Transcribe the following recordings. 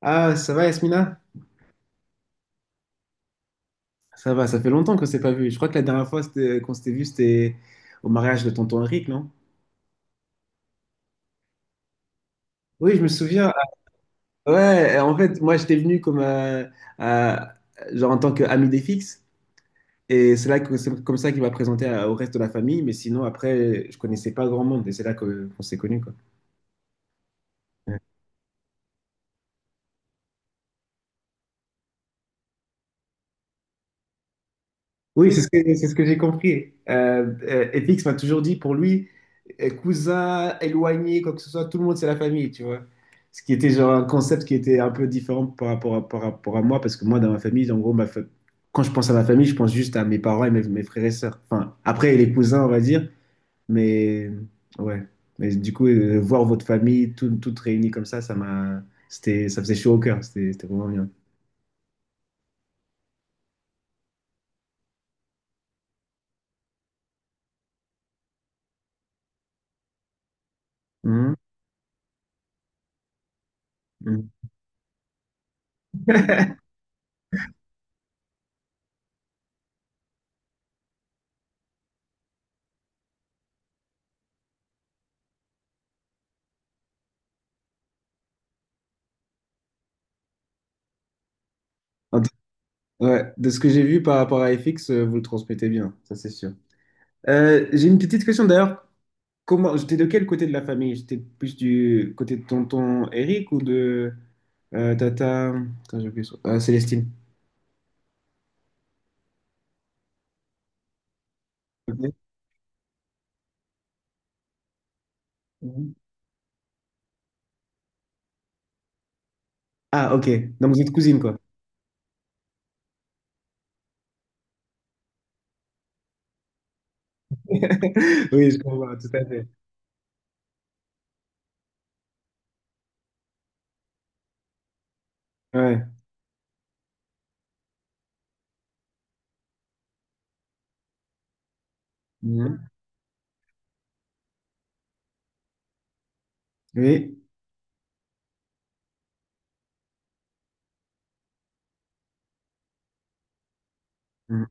Ah, ça va, Yasmina? Ça va, ça fait longtemps qu'on s'est pas vu. Je crois que la dernière fois c'était- qu'on s'était vu, c'était au mariage de tonton Henrik, non? Oui, je me souviens. Ah, Ouais, en fait, moi j'étais venu comme euh, genre en tant qu'ami des fixes, et c'est là que c'est comme ça qu'il m'a présenté au reste de la famille. Mais sinon, après, je connaissais pas grand monde, et qu'on s'est connus, quoi. Oui, c'est ce que j'ai compris. FX m'a toujours dit pour lui, cousin, éloigné, quoi que ce soit, tout le monde c'est la famille, tu vois. Ce qui était genre un concept qui était un peu différent par rapport à moi, parce que moi, dans ma famille, en gros, quand je pense à ma famille, je pense juste à mes parents et mes frères et sœurs. Enfin, après, les cousins, on va dire, mais ouais. Mais du coup, voir votre famille toutes réunies comme ça, c'était, ça faisait chaud au cœur, c'était vraiment bien. Mhm. Mhm. Ouais, de ce que j'ai vu par rapport à FX, vous le transmettez bien, ça c'est sûr. J'ai une petite question d'ailleurs. Comment, j'étais de quel côté de la famille? J'étais plus du côté de tonton Eric ou de tata... Attends, j'ai oublié son... Célestine. Ok. Mhm. Ah, ok. Donc vous êtes cousine, quoi. Oui, je comprends, tout à fait. Ouais. Mhm. Oui. Mhm.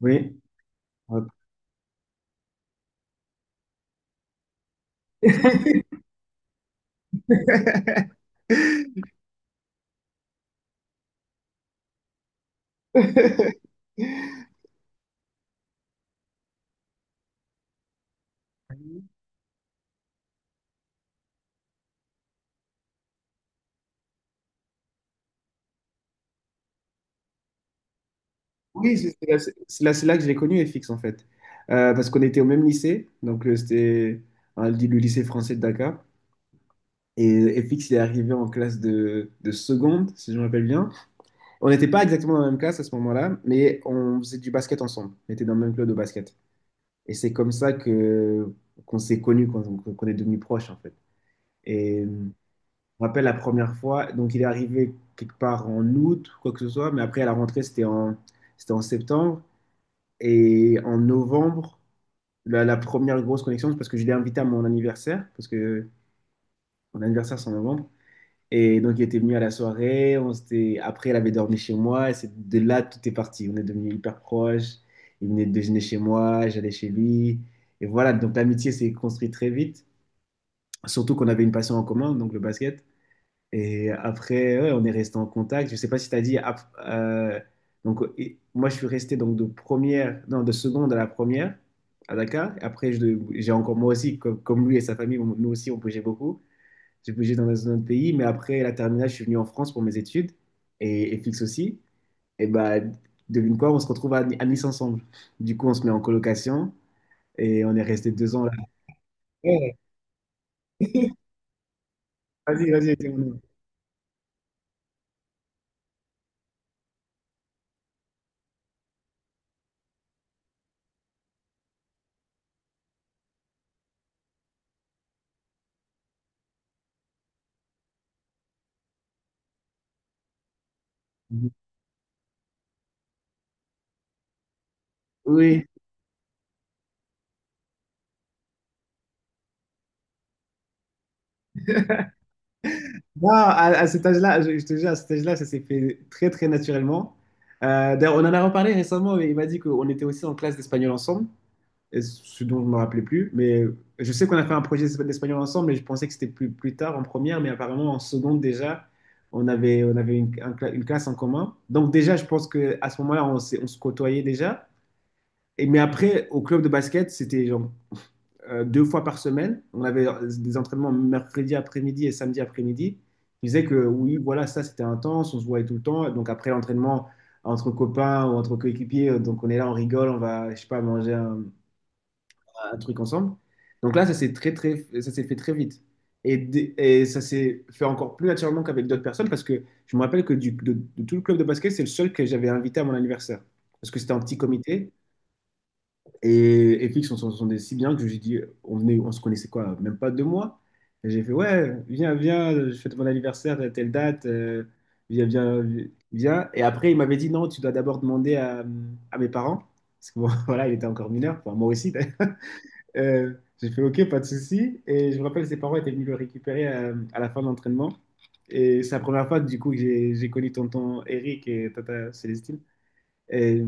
Oui. Hop. Oui, c'est là que j'ai connu FX en fait. Parce qu'on était au même lycée, donc c'était le lycée français de Dakar. Et FX il est arrivé en classe de seconde, si je me rappelle bien. On n'était pas exactement dans la même classe à ce moment-là, mais on faisait du basket ensemble. On était dans le même club de basket. Et c'est comme ça que qu'on s'est connus, qu'on est devenus proches en fait. Et je me rappelle la première fois, donc il est arrivé quelque part en août, quoi que ce soit, mais après à la rentrée c'était en septembre. Et en novembre, la première grosse connexion, c'est parce que je l'ai invité à mon anniversaire, parce que mon anniversaire, c'est en novembre. Et donc, il était venu à la soirée. On s'était... Après, il avait dormi chez moi. Et c'est de là, tout est parti. On est devenus hyper proches. Il venait de déjeuner chez moi, j'allais chez lui. Et voilà, donc l'amitié s'est construite très vite. Surtout qu'on avait une passion en commun, donc le basket. Et après, ouais, on est resté en contact. Je sais pas si tu as dit. Donc, moi, je suis resté donc de première, non, de seconde à la première à Dakar. Après, j'ai encore moi aussi, comme lui et sa famille, nous aussi, on bougeait beaucoup. J'ai bougé dans un autre pays. Mais après la terminale, je suis venu en France pour mes études et Fix aussi. Et bah, devine quoi, on se retrouve à Nice ensemble. Du coup, on se met en colocation et on est resté deux ans là. Ouais. Vas-y, vas-y, dis-moi. Oui, non, à cet âge-là, je te jure, à cet âge-là, ça s'est fait très naturellement. D'ailleurs, on en a reparlé récemment, mais il m'a dit qu'on était aussi en classe d'espagnol ensemble, et ce dont je ne me rappelais plus. Mais je sais qu'on a fait un projet d'espagnol ensemble, mais je pensais que c'était plus tard, en première, mais apparemment en seconde déjà, on avait une classe en commun. Donc déjà, je pense qu'à ce moment-là, on se côtoyait déjà. Et, mais après, au club de basket, c'était genre deux fois par semaine. On avait des entraînements mercredi après-midi et samedi après-midi. Il disait que oui, voilà, ça c'était intense, on se voyait tout le temps. Donc après l'entraînement, entre copains ou entre coéquipiers, donc on est là, on rigole, on va, je sais pas, manger un truc ensemble. Donc là, ça s'est fait très vite. Et, et ça s'est fait encore plus naturellement qu'avec d'autres personnes parce que je me rappelle que de tout le club de basket, c'est le seul que j'avais invité à mon anniversaire. Parce que c'était un petit comité et Fix, on s'entendait si bien que je lui ai dit, on venait, on se connaissait quoi, même pas deux mois. Et j'ai fait, ouais, viens, je fête mon anniversaire à telle date, viens, viens. Et après, il m'avait dit, non, tu dois d'abord demander à mes parents, parce que bon, voilà, il était encore mineur, enfin, moi aussi. d'ailleurs. Euh, j'ai fait, ok, pas de souci. Et je me rappelle, ses parents étaient venus le récupérer à, la fin de l'entraînement. Et c'est la première fois, du coup, que j'ai connu tonton Eric et tata Célestine. Et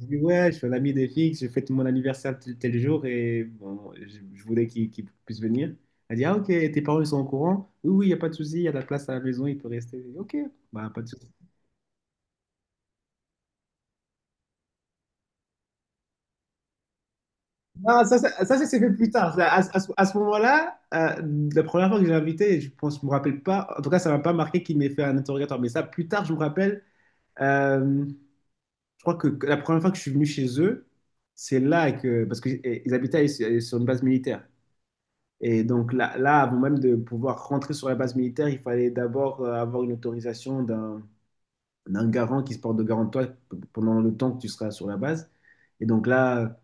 je dis, ouais, je suis un ami des filles, je fête mon anniversaire tel jour et bon, je voulais qu'ils puissent venir. Elle dit, ah ok, tes parents ils sont au courant? Oui, oui, il n'y a pas de souci, il y a de la place à la maison, il peut rester. Je dis, Ok, bah, pas de souci. Non, ça s'est fait plus tard. À ce moment-là, la première fois que j'ai invité, je pense, je me rappelle pas. En tout cas, ça m'a pas marqué qu'il m'ait fait un interrogatoire. Mais ça, plus tard, je me rappelle. euh, je crois que la première fois que je suis venu chez eux, c'est là que parce qu'ils habitaient sur une base militaire. Et donc là, avant même de pouvoir rentrer sur la base militaire, il fallait d'abord avoir une autorisation d'un garant qui se porte de garant de toi pendant le temps que tu seras sur la base. Et donc là,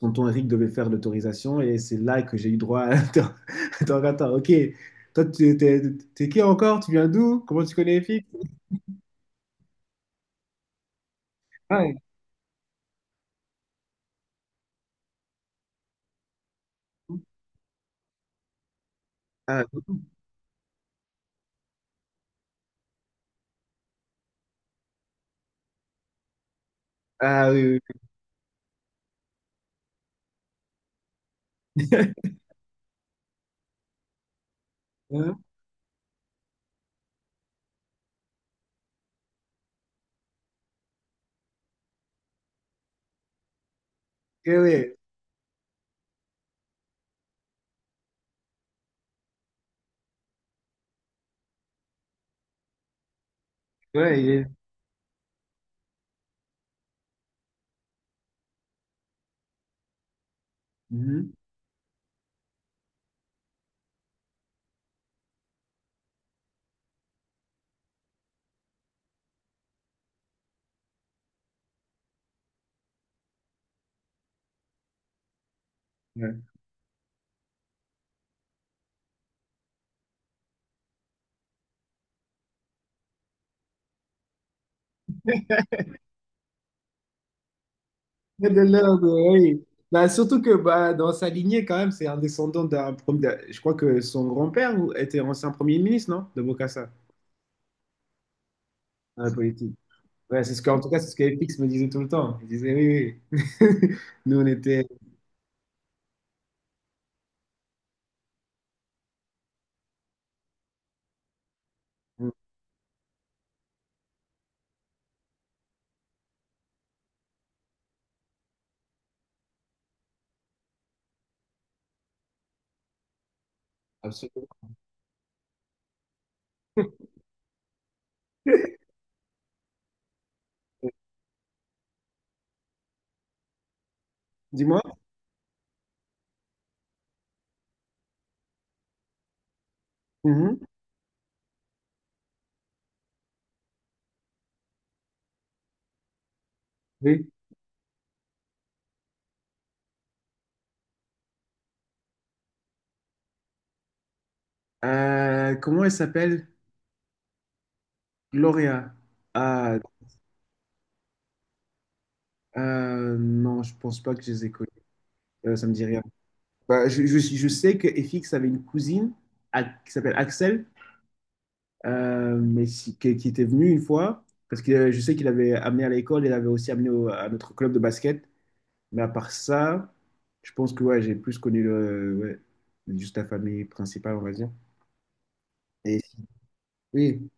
tonton Eric devait faire l'autorisation et c'est là que j'ai eu droit à... Attends, attends, attends, ok. Toi, tu t'es t'es qui encore? Tu viens d'où? Comment tu connais Eric? Ah, ah, ah, oui, oui. Hein? Ok, ouais. Ouais, il est- Mhm. Fred Delorme, oui. Bah, surtout que bah, dans sa lignée, quand même, c'est un descendant Je crois que son grand-père était ancien premier ministre, non? De Bokassa, dans la politique. Ouais, en tout cas, c'est ce que FX me disait tout le temps. Il disait oui, oui. Nous, on était. euh, Absolument. Dis-moi. Mhm. Oui. Comment elle s'appelle? Gloria. Ah, non, je pense pas que je les ai connus. Ça me dit rien. Bah, je sais que FX avait une cousine qui s'appelle Axel. Qui était venu une fois, parce que je sais qu'il avait amené à l'école, il avait aussi amené à notre club de basket. Mais à part ça, je pense que ouais, j'ai plus connu le, ouais, juste la famille principale, on va dire. Et oui,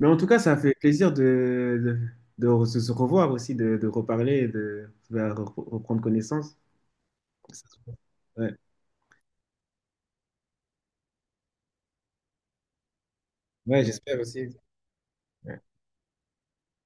mais en tout cas, ça fait plaisir de se se revoir aussi, de reparler, et reprendre connaissance. Ouais, ouais, j'espère aussi.